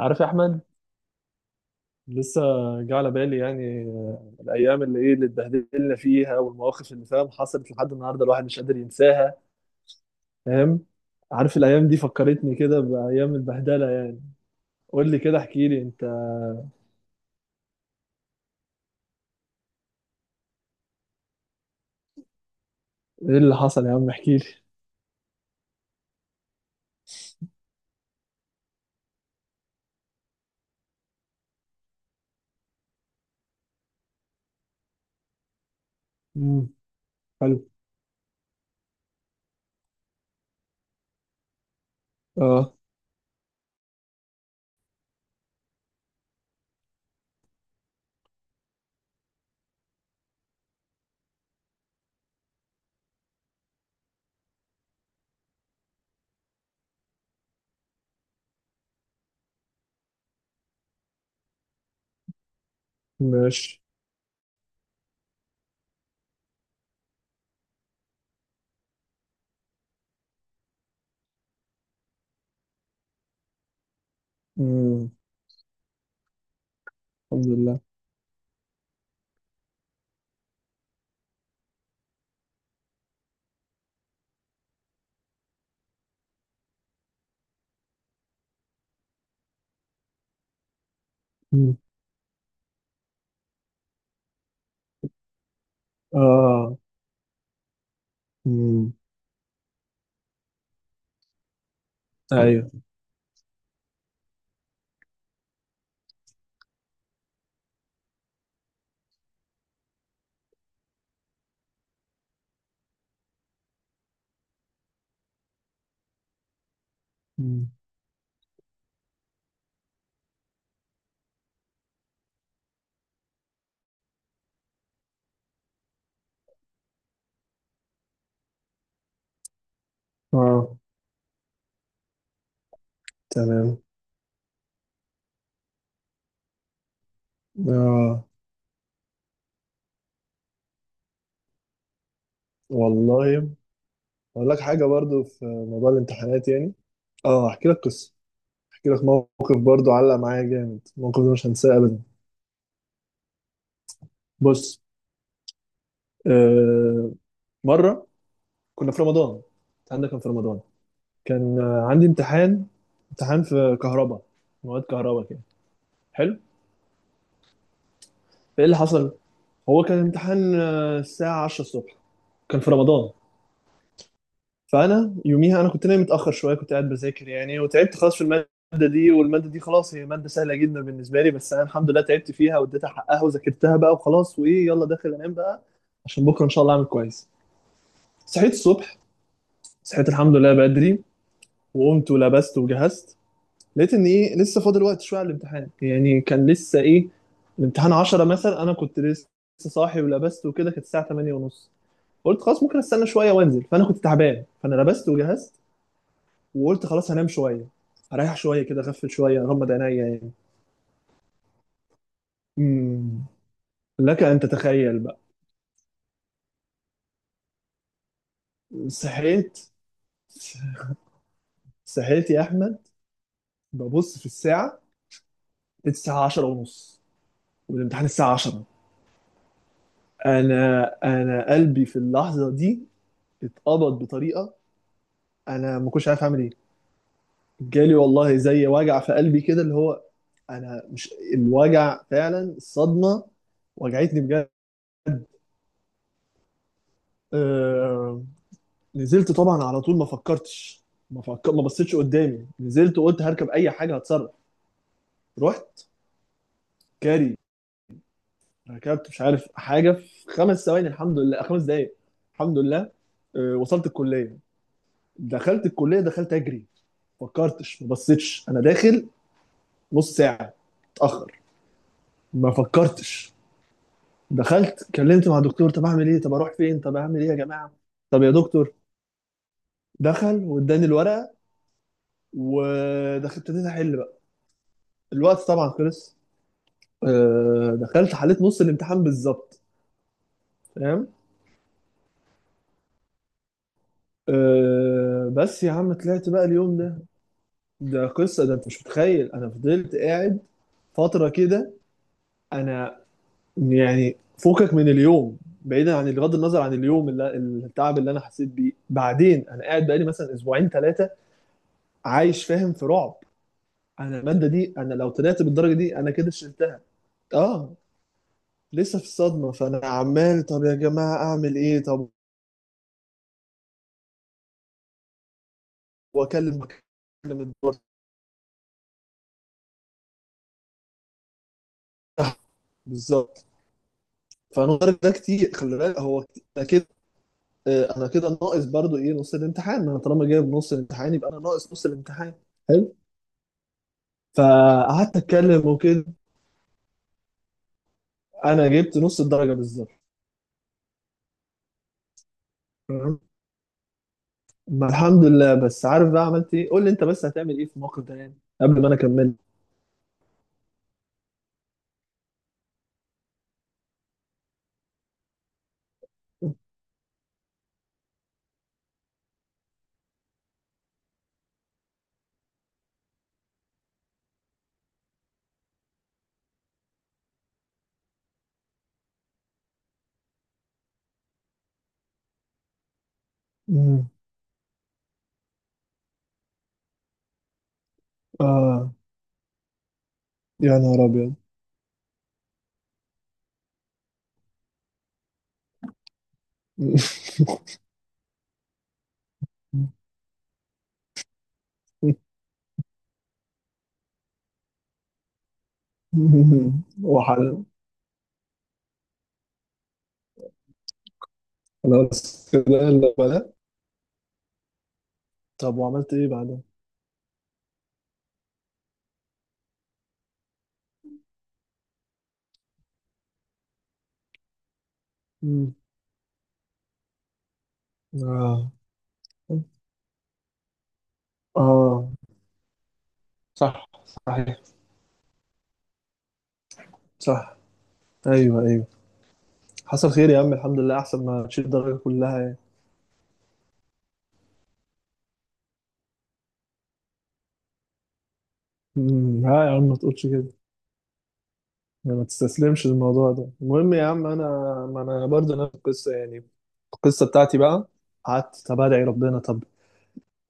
عارف يا احمد. لسه جه على بالي. يعني الايام اللي ايه اللي اتبهدلنا فيها والمواقف اللي فاهم حصلت لحد النهارده، الواحد مش قادر ينساها. فاهم؟ عارف الايام دي فكرتني كده بايام البهدله يعني. قول لي كده، احكي لي انت. ايه اللي حصل يا عم؟ احكي لي. امم. حلو. اه. ماشي. امم. الحمد لله. امم. اه. امم. ايوه. امم. اه. تمام. اه. والله، اقول لك حاجه برضو في موضوع الامتحانات يعني. اه، احكي لك قصه، احكي لك موقف برضو علق معايا جامد. الموقف ده مش هنساه ابدا. بص، آه مره كنا في رمضان. الكلام ده كان في رمضان. كان عندي امتحان، امتحان في كهرباء، مواد كهرباء كده. حلو. ايه اللي حصل؟ هو كان امتحان الساعه 10 الصبح، كان في رمضان. فانا يوميها انا كنت نايم متاخر شويه، كنت قاعد بذاكر يعني وتعبت خلاص في الماده دي. والماده دي خلاص هي ماده سهله جدا بالنسبه لي، بس انا الحمد لله تعبت فيها واديتها حقها وذاكرتها بقى وخلاص. وايه، يلا داخل انام بقى عشان بكره ان شاء الله اعمل كويس. صحيت الصبح، صحيت الحمد لله بدري، وقمت ولبست وجهزت. لقيت ان ايه، لسه فاضل وقت شويه على الامتحان يعني. كان لسه ايه، الامتحان 10 مثلا، انا كنت لسه صاحي ولبست وكده كانت الساعه 8 ونص. قلت خلاص ممكن استنى شويه وانزل، فانا كنت تعبان فانا لبست وجهزت، وقلت خلاص هنام شويه، هريح شويه كده، اغفل شويه اغمض عينيا يعني. امم. لك ان تتخيل بقى. صحيت صحيت يا احمد، ببص في الساعه، لقيت الساعه 10 ونص والامتحان الساعة 10. انا قلبي في اللحظة دي اتقبض بطريقة. انا ما كنتش عارف اعمل ايه. جالي والله زي وجع في قلبي كده، اللي هو انا مش الوجع فعلا، الصدمة وجعتني بجد. آه... نزلت طبعا على طول، ما فكرتش. ما بصيتش قدامي، نزلت وقلت هركب اي حاجة هتصرف. رحت جري، ركبت مش عارف حاجة في خمس ثواني، الحمد لله، خمس دقايق الحمد لله. وصلت الكلية. دخلت الكلية، دخلت اجري، فكرتش ما بصيتش انا داخل نص ساعه اتاخر، ما فكرتش. دخلت كلمت مع الدكتور، طب اعمل ايه، طب اروح فين، طب اعمل ايه يا جماعه، طب يا دكتور. دخل واداني الورقه، ودخلت ابتديت احل بقى. الوقت طبعا خلص. دخلت حليت نص الامتحان بالظبط. فاهم. بس يا عم طلعت بقى اليوم ده. ده قصه، ده انت مش متخيل، انا فضلت قاعد فتره كده. انا يعني فوقك من اليوم، بعيدا عن بغض النظر عن اليوم اللي التعب اللي انا حسيت بيه، بعدين انا قاعد بقالي مثلا اسبوعين ثلاثه عايش فاهم في رعب. انا الماده دي انا لو طلعت بالدرجه دي انا كده شلتها. اه. لسه في الصدمه، فانا عمال طب يا جماعه اعمل ايه طب. واكلم الدكتور بتاعها. بالظبط. فانا الدرجه ده كتير، خلي بالك هو كتير. أنا كده انا كده ناقص برضو ايه نص الامتحان، انا طالما جايب نص الامتحان يبقى انا ناقص نص الامتحان. حلو. فقعدت اتكلم وكده، انا جبت نص الدرجه بالظبط. تمام. ما الحمد لله. بس عارف بقى عملت ايه؟ قول لي انت، بس هتعمل ايه في الموقف ده يعني، قبل ما انا اكمل. مم. اه. يا نهار ابيض. وحل. خلاص كده. لا بلا. طب وعملت ايه بعدها؟ مم. اه. اه. صح. صحيح. صح. ايوه ايوه. حصل خير يا عم، الحمد لله احسن ما تشيل الدرجه كلها يعني. مم. لا يا عم ما تقولش كده يعني، ما تستسلمش للموضوع ده. المهم يا عم انا، ما انا برضه نفس القصه يعني. القصه بتاعتي بقى، قعدت طب ادعي ربنا، طب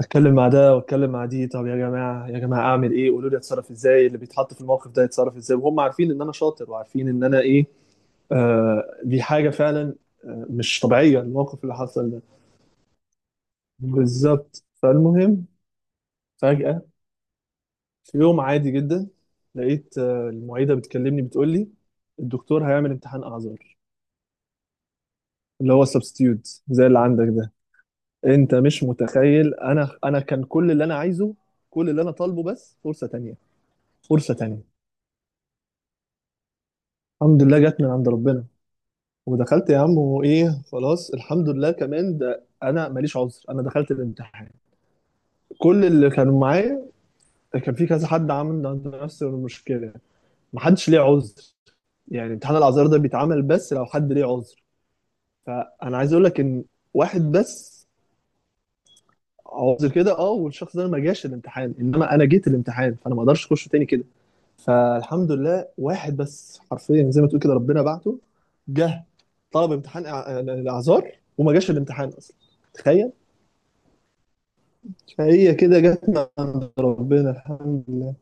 اتكلم مع ده واتكلم مع دي، طب يا جماعه يا جماعه اعمل ايه، قولوا لي اتصرف ازاي، اللي بيتحط في الموقف ده يتصرف ازاي، وهم عارفين ان انا شاطر وعارفين ان انا ايه. آه، دي حاجه فعلا. مش طبيعيه الموقف اللي حصل ده. بالظبط. فالمهم، فجاه في يوم عادي جدا لقيت المعيده بتكلمني بتقول لي الدكتور هيعمل امتحان اعذار، اللي هو السبستيوت زي اللي عندك ده. انت مش متخيل، انا انا كان كل اللي انا عايزه، كل اللي انا طالبه بس فرصه تانية، فرصه تانية. الحمد لله جت من عند ربنا. ودخلت يا عم وايه خلاص، الحمد لله كمان ده انا ماليش عذر. انا دخلت الامتحان، كل اللي كانوا معايا كان في كذا حد عامل عنده نفس المشكله، محدش ليه عذر. يعني امتحان الاعذار ده بيتعمل بس لو حد ليه عذر. فانا عايز اقول لك ان واحد بس عاوز كده، اه، والشخص ده ما جاش الامتحان، انما انا جيت الامتحان فانا ما اقدرش اخشه تاني كده. فالحمد لله واحد بس حرفيا زي ما تقول كده، ربنا بعته. جه طلب امتحان الاعذار وما جاش الامتحان اصلا. تخيل. فهي كده جت من عند ربنا الحمد لله.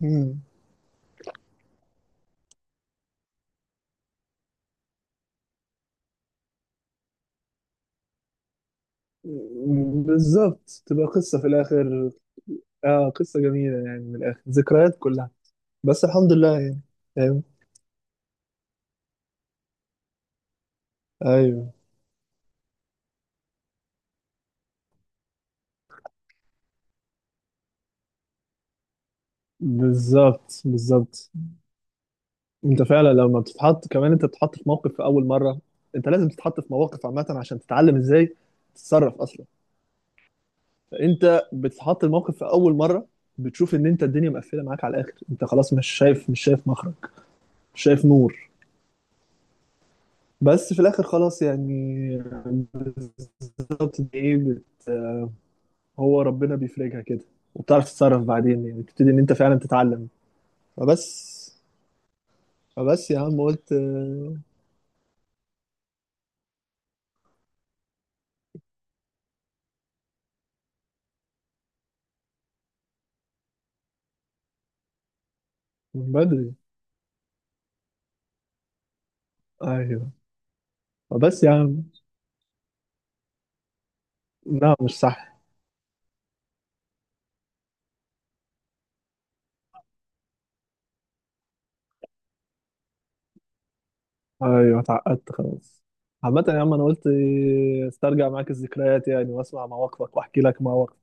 مم. بالظبط، تبقى قصة في الآخر. اه قصة جميلة يعني، من الآخر ذكريات كلها، بس الحمد لله يعني. فاهم. ايوه. بالظبط بالظبط. انت فعلا لما بتتحط كمان، انت بتتحط في موقف في اول مره، انت لازم تتحط في مواقف عامه عشان تتعلم ازاي تتصرف اصلا. فانت بتتحط الموقف في اول مره، بتشوف ان انت الدنيا مقفله معاك على الاخر، انت خلاص مش شايف مخرج، مش شايف نور. بس في الاخر خلاص يعني. بالظبط. دي ايه، هو ربنا بيفرجها كده، وبتعرف تتصرف بعدين، يعني بتبتدي ان انت فعلا تتعلم. فبس. فبس يا عم قلت من بدري. ايوه. فبس يا عم. لا مش صح. ايوه اتعقدت خلاص. عامة يا عم انا قلت استرجع معاك الذكريات يعني، واسمع مواقفك واحكي لك مواقفك.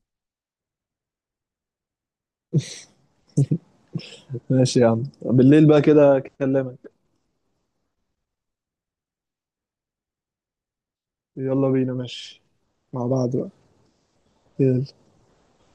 ماشي يا عم، بالليل بقى كده اكلمك. يلا بينا ماشي. مع بعض بقى. يلا.